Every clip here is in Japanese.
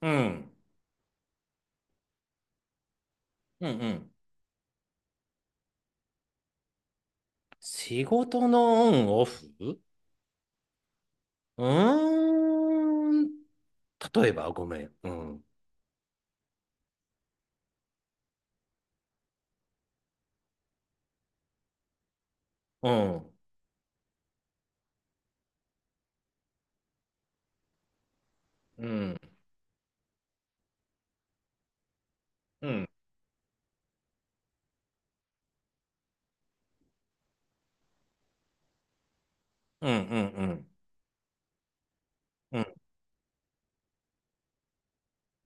うん。うんうん。仕事のオンオフうーん。例えば、ごめん。うん。うん。うん。うん。うん。うん。うん。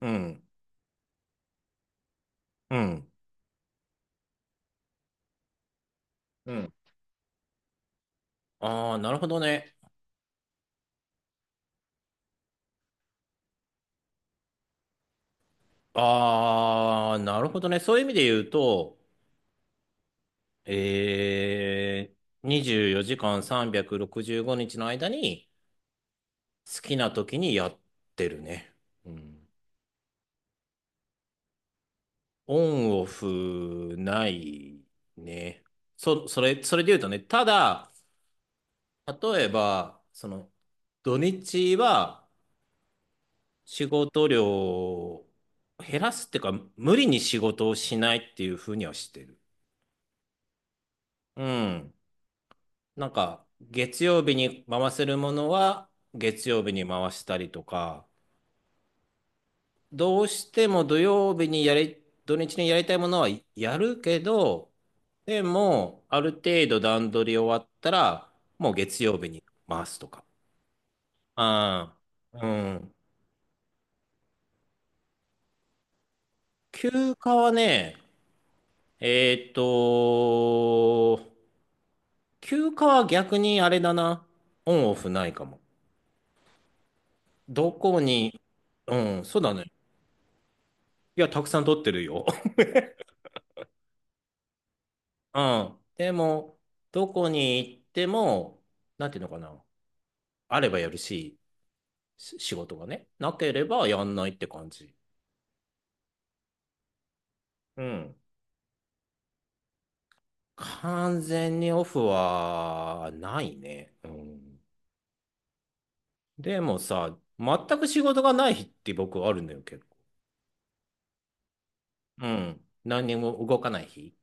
うん。うん。うん。ああ、なるほどね。ああ、なるほどね。そういう意味で言うと、え24時間365日の間に好きな時にやってるね。うん。オンオフないね。それで言うとね、ただ、例えば、土日は仕事量を減らすっていうか、無理に仕事をしないっていうふうにはしてる。うん。なんか、月曜日に回せるものは、月曜日に回したりとか、どうしても土日にやりたいものはやるけど、でも、ある程度段取り終わったら、もう月曜日に回すとか。ああ、うん。休暇はね、えーっと、休暇は逆にあれだな。オンオフないかも。どこに、うん、そうだね。いや、たくさん取ってるよ。うん。でも、どこに行っても、なんていうのかな。あればやるし、仕事がね、なければやんないって感じ。うん。完全にオフはないね。うん。でもさ、全く仕事がない日って僕あるんだよ、結構。うん。何にも動かない日。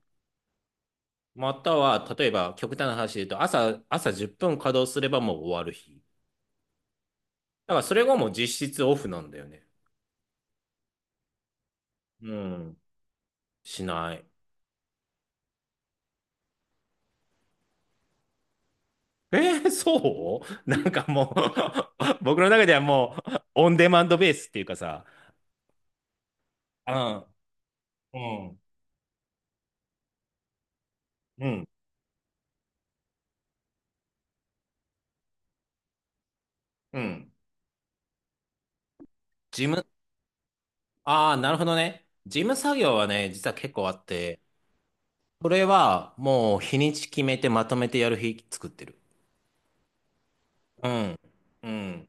または、例えば極端な話で言うと、朝10分稼働すればもう終わる日。だからそれがもう実質オフなんだよね。うん。しない。えそう なんかもう 僕の中ではもう、オンデマンドベースっていうかさ、うん、うん、うん、うん。事務、ああ、なるほどね。事務作業はね、実は結構あって、それはもう日にち決めてまとめてやる日作ってる。うん、うん、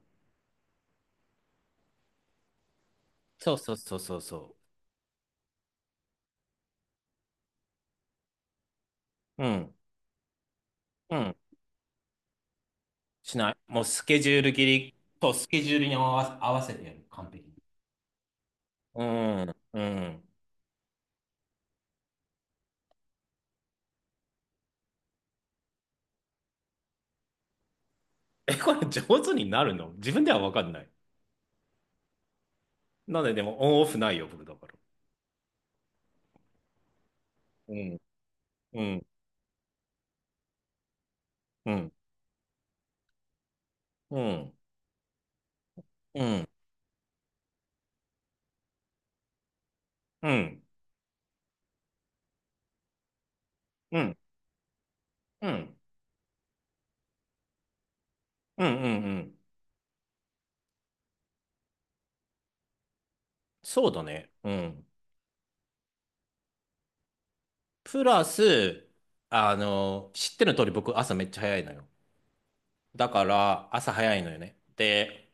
そうそうそうそうそう。うん、うん。しない。もうスケジュール切りとスケジュールに合わせてやる。完璧に。うん、うん、え、これ上手になるの自分では分かんない。なんででもオンオフないよ、僕だから。うん、うん、うん、うん、うん、うん、うん、うん、うん、うんうんうん。そうだね。うん。プラス、知ってる通り僕朝めっちゃ早いのよ。だから朝早いのよね。で、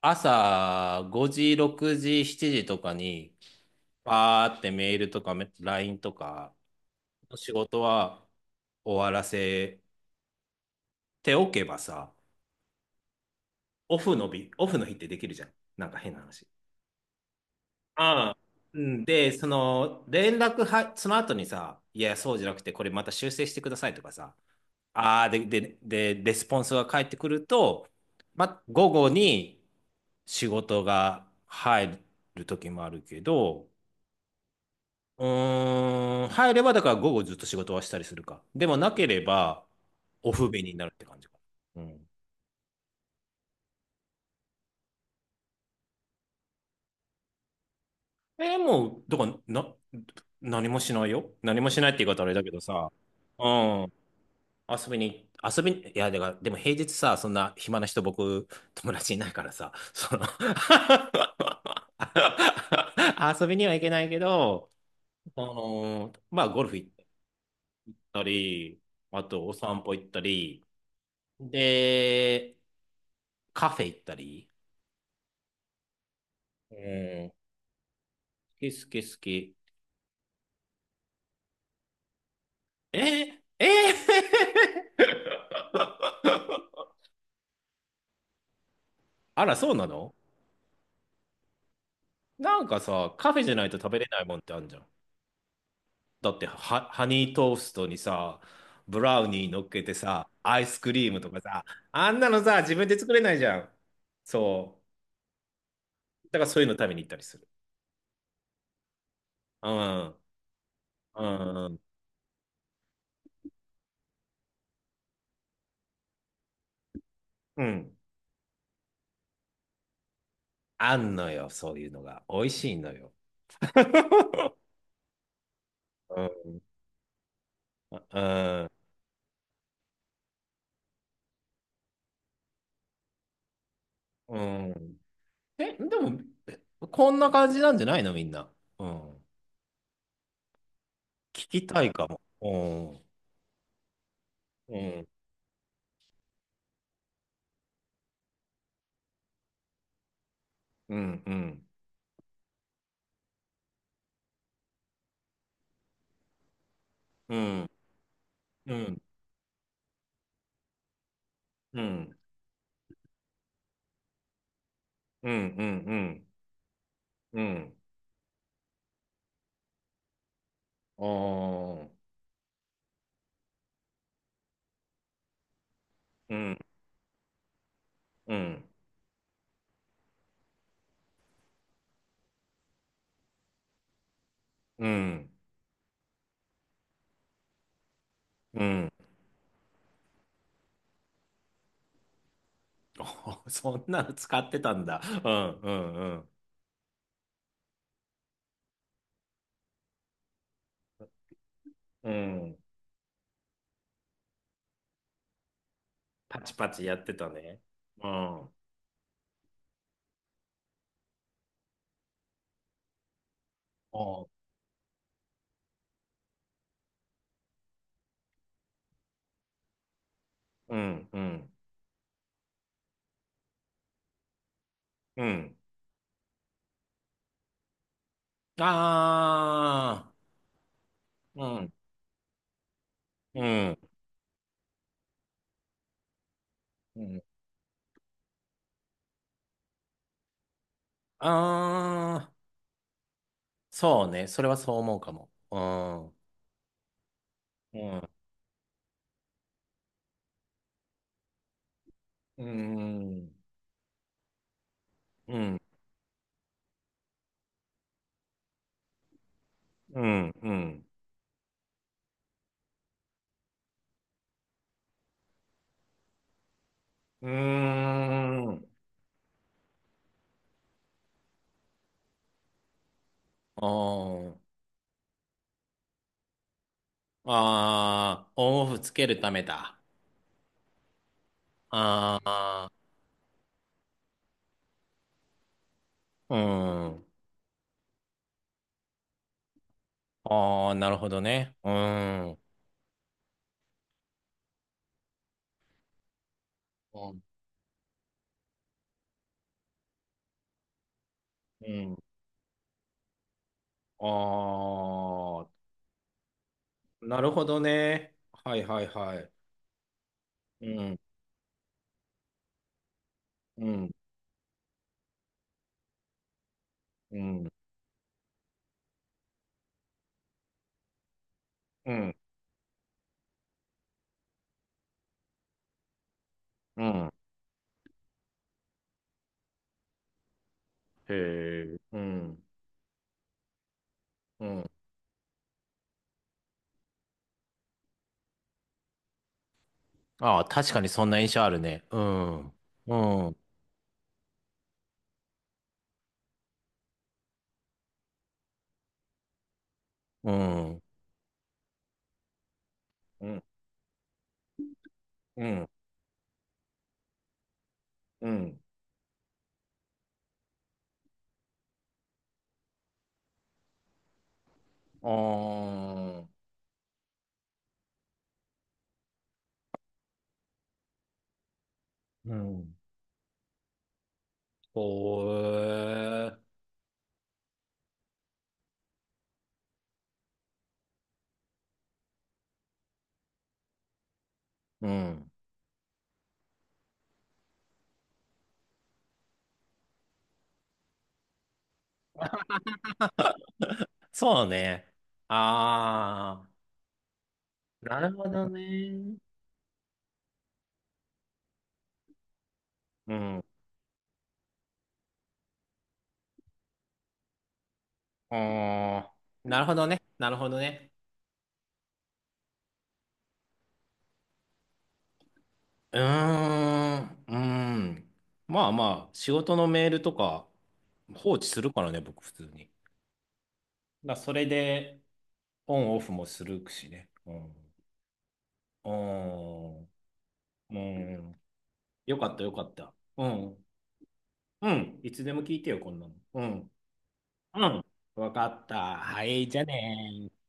朝5時、6時、7時とかに、バーってメールとかLINE とかの仕事は終わらせておけばさ、オフの日、オフの日ってできるじゃん。なんか変な話。ああ。うん。で、その、連絡は、その後にさ、いや、そうじゃなくて、これまた修正してくださいとかさ、ああ、で、レスポンスが返ってくると、ま、午後に仕事が入る時もあるけど、入ればだから午後ずっと仕事はしたりするか。でもなければ、オフ便になるって感じか。うん。もう、だから、何もしないよ。何もしないって言い方あれだけどさ。うん。遊びに、遊びに、いや、だから、でも平日さ、そんな暇な人、僕、友達いないからさ、遊びには行けないけど、まあ、ゴルフ行ったり、あと、お散歩行ったり、で、カフェ行ったり、うん、好き好き好き。えー、えー あら、そうなの？なんかさ、カフェじゃないと食べれないもんってあるじゃん。だってハニートーストにさ、ブラウニー乗っけてさ、アイスクリームとかさ、あんなのさ、自分で作れないじゃん。そう。だからそういうの食べに行ったりする。うん。うん。うん。あんのよ、そういうのが。美味しいのよ。うん。うん。うん。え、でも、え、こんな感じなんじゃないの、みんな。うん。聞きたいかも。うん。うん。うん。うん。うん。うん。うん。うん。うん。うん。うん。ああ、うん、うん、うん、うん。そんなの使ってたんだ。うん、うん、うん。うん。パチパチやってたね。うん。あー、うん、うん、うん。ああ、うん、うん、うん。ああ、そうね。それはそう思うかも。うん、うん、うん、うん、うん、うん。うーん。ああ、ああ、オンオフつけるためだ。ああ、うん。ああ、なるほどね。うん。うん。うん。ああ、なるほどね。はいはいはい。うん、うん、うん、うん、うん。へえ、うん、うん。ああ、確かにそんな印象あるね。うん、うん、うん、うん、うん、うん。ああ、うん。ほえ、うん。そうね。ああ、なるほどね。うん。あー、なるほどね。なるほどね。うーん、うーん。まあまあ、仕事のメールとか放置するからね、僕普通に。だからそれでオンオフもするしね。うん。うん。うん。よかったよかった。うん。うん。いつでも聞いてよ、こんなの。うん。うん。わかった。はい、じゃあねー。